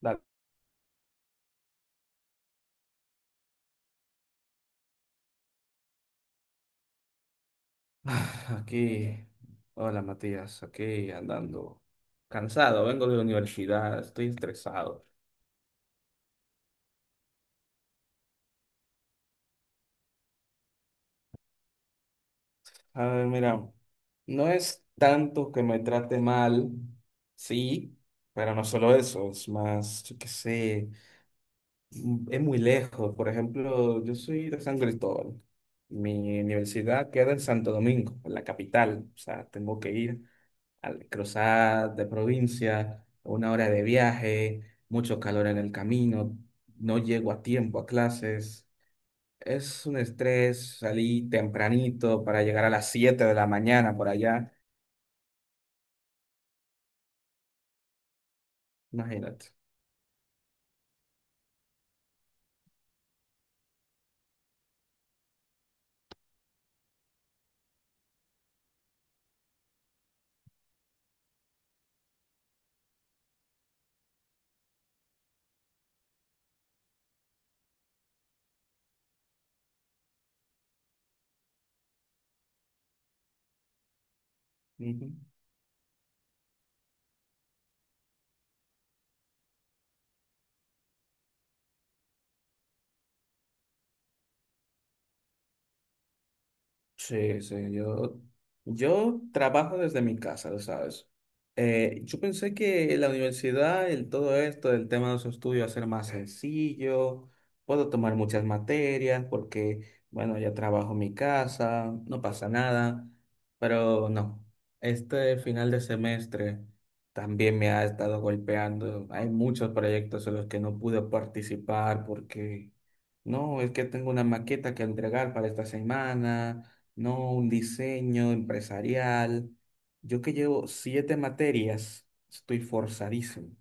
Dale, Aquí, hola Matías, aquí andando cansado, vengo de la universidad, estoy estresado. A ver, mira, no es tanto que me trate mal, sí, pero no solo eso, es más, yo qué sé, es muy lejos. Por ejemplo, yo soy de San Cristóbal, mi universidad queda en Santo Domingo, en la capital, o sea, tengo que ir, al cruzar de provincia, una hora de viaje, mucho calor en el camino, no llego a tiempo a clases. Es un estrés, salí tempranito para llegar a las 7 de la mañana por allá, imagínate. Ujú. Sí, sí, yo trabajo desde mi casa, lo sabes. Yo pensé que la universidad, el todo esto, el tema de los estudios va a ser más sencillo, puedo tomar muchas materias porque, bueno, ya trabajo en mi casa, no pasa nada, pero no, este final de semestre también me ha estado golpeando. Hay muchos proyectos en los que no pude participar porque, no, es que tengo una maqueta que entregar para esta semana, no un diseño empresarial. Yo que llevo siete materias, estoy forzadísimo.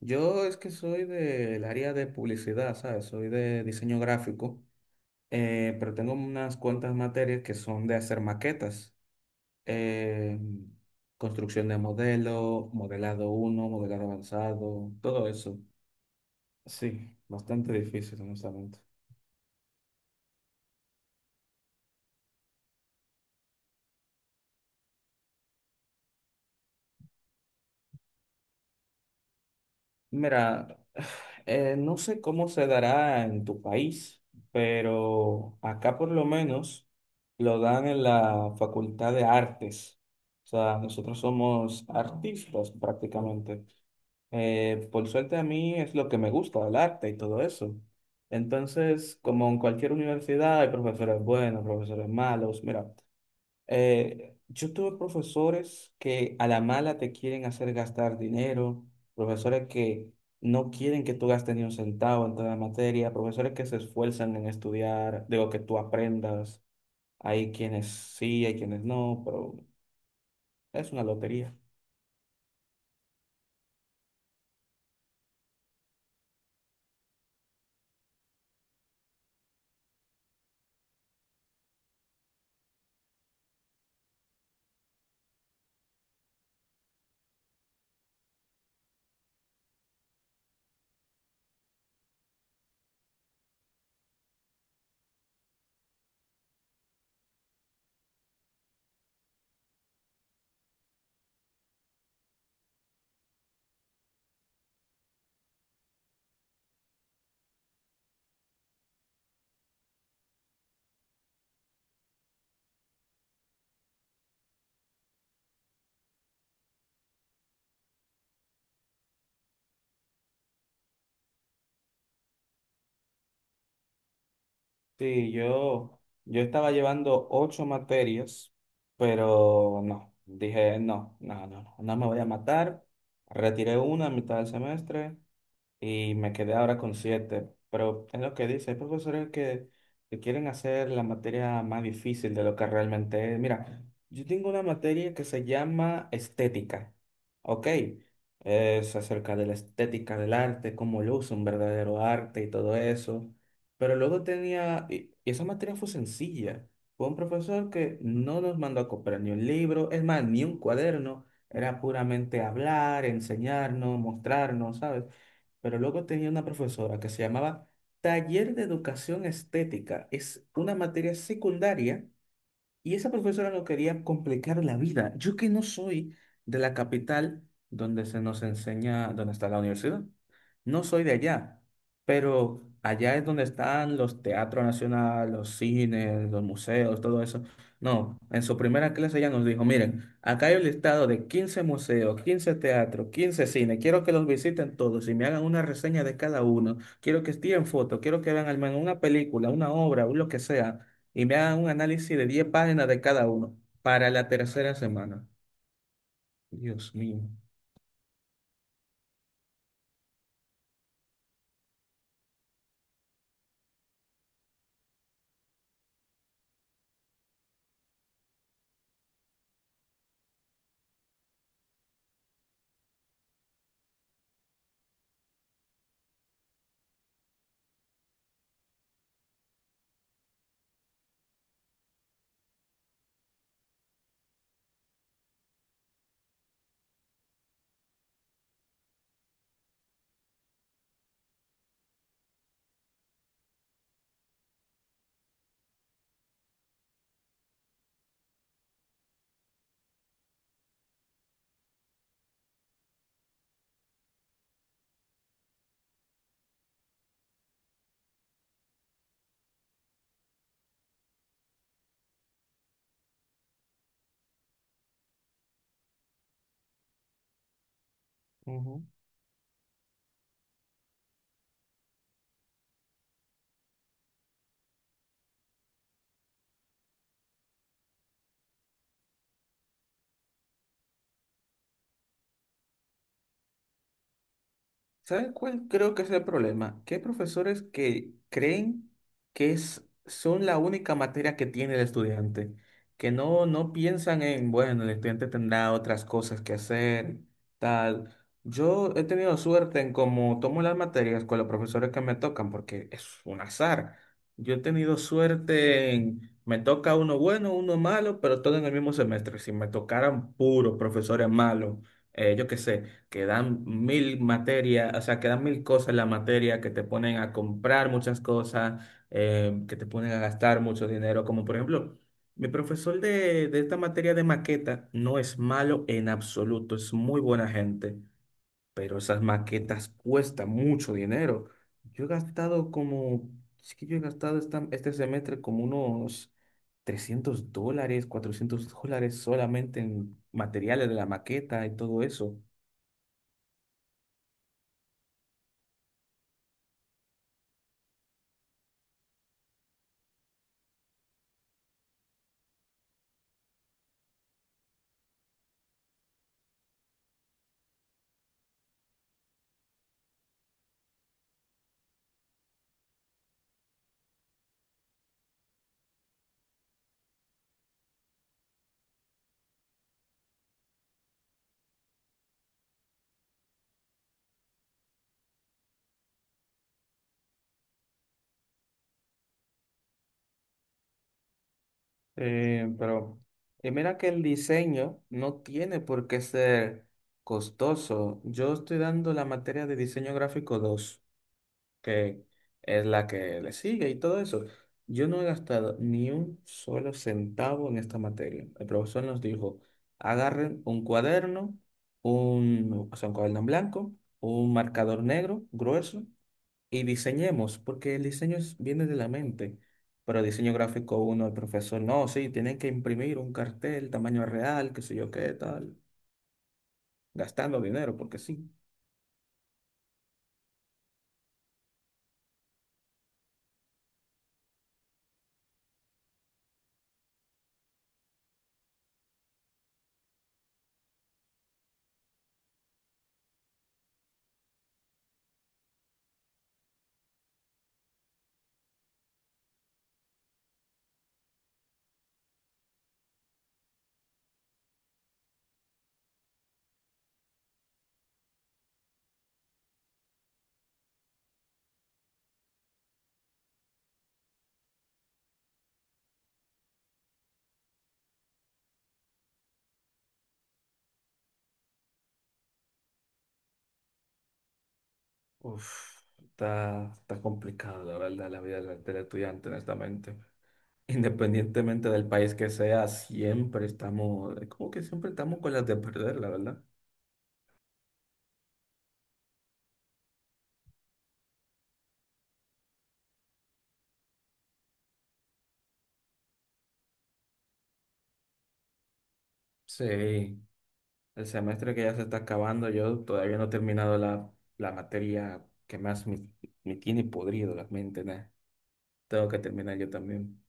Yo es que soy del área de publicidad, ¿sabes? Soy de diseño gráfico, pero tengo unas cuantas materias que son de hacer maquetas, eh, construcción de modelo, modelado uno modelado avanzado, todo eso. Sí, bastante difícil, honestamente. Mira, no sé cómo se dará en tu país, pero acá por lo menos lo dan en la Facultad de Artes. O sea, nosotros somos artistas prácticamente. Por suerte a mí es lo que me gusta, el arte y todo eso. Entonces, como en cualquier universidad, hay profesores buenos, profesores malos. Mira, yo tuve profesores que a la mala te quieren hacer gastar dinero, profesores que no quieren que tú gastes ni un centavo en toda la materia, profesores que se esfuerzan en estudiar, digo, que tú aprendas. Hay quienes sí, hay quienes no, pero es una lotería. Sí, yo, estaba llevando ocho materias, pero no, dije, no, no, no, no, no me voy a matar. Retiré una a mitad del semestre y me quedé ahora con siete. Pero es lo que dice, hay profesores que quieren hacer la materia más difícil de lo que realmente es. Mira, yo tengo una materia que se llama estética, ¿ok? Es acerca de la estética del arte, cómo luce un verdadero arte y todo eso. Pero luego tenía, y esa materia fue sencilla. Fue un profesor que no nos mandó a comprar ni un libro, es más, ni un cuaderno. Era puramente hablar, enseñarnos, mostrarnos, ¿sabes? Pero luego tenía una profesora que se llamaba Taller de Educación Estética. Es una materia secundaria y esa profesora no quería complicar la vida. Yo que no soy de la capital donde se nos enseña, donde está la universidad. No soy de allá, pero allá es donde están los teatros nacionales, los cines, los museos, todo eso. No, en su primera clase ella nos dijo, miren, acá hay un listado de 15 museos, 15 teatros, 15 cines, quiero que los visiten todos y me hagan una reseña de cada uno, quiero que estén fotos, quiero que vean al menos una película, una obra, o lo que sea y me hagan un análisis de 10 páginas de cada uno para la tercera semana. Dios mío. Ujú. ¿Saben cuál creo que es el problema? Que hay profesores que creen que son la única materia que tiene el estudiante, que no, no piensan en, bueno, el estudiante tendrá otras cosas que hacer, tal. Yo he tenido suerte en cómo tomo las materias con los profesores que me tocan, porque es un azar. Yo he tenido suerte en, me toca uno bueno, uno malo, pero todo en el mismo semestre. Si me tocaran puros profesores malos, yo qué sé que dan mil materias, o sea, que dan mil cosas en la materia, que te ponen a comprar muchas cosas, que te ponen a gastar mucho dinero, como por ejemplo, mi profesor de esta materia de maqueta no es malo en absoluto, es muy buena gente, pero esas maquetas cuestan mucho dinero. Yo he gastado como, es que yo he gastado este semestre como unos $300, $400 solamente en materiales de la maqueta y todo eso. Pero mira que el diseño no tiene por qué ser costoso. Yo estoy dando la materia de diseño gráfico 2, que es la que le sigue y todo eso. Yo no he gastado ni un solo centavo en esta materia. El profesor nos dijo, agarren un cuaderno, un, o sea, un cuaderno en blanco, un marcador negro grueso y diseñemos, porque el diseño viene de la mente. Pero diseño gráfico uno, el profesor, no, sí, tienen que imprimir un cartel, tamaño real, qué sé yo qué, tal, gastando dinero, porque sí. Uf, está complicado, la verdad, la vida del estudiante, honestamente. Independientemente del país que sea, siempre estamos, como que siempre estamos con las de perder, la verdad. Sí. El semestre que ya se está acabando, yo todavía no he terminado la materia que más me tiene podrido la mente, ¿no? Tengo que terminar yo también.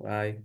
Bye.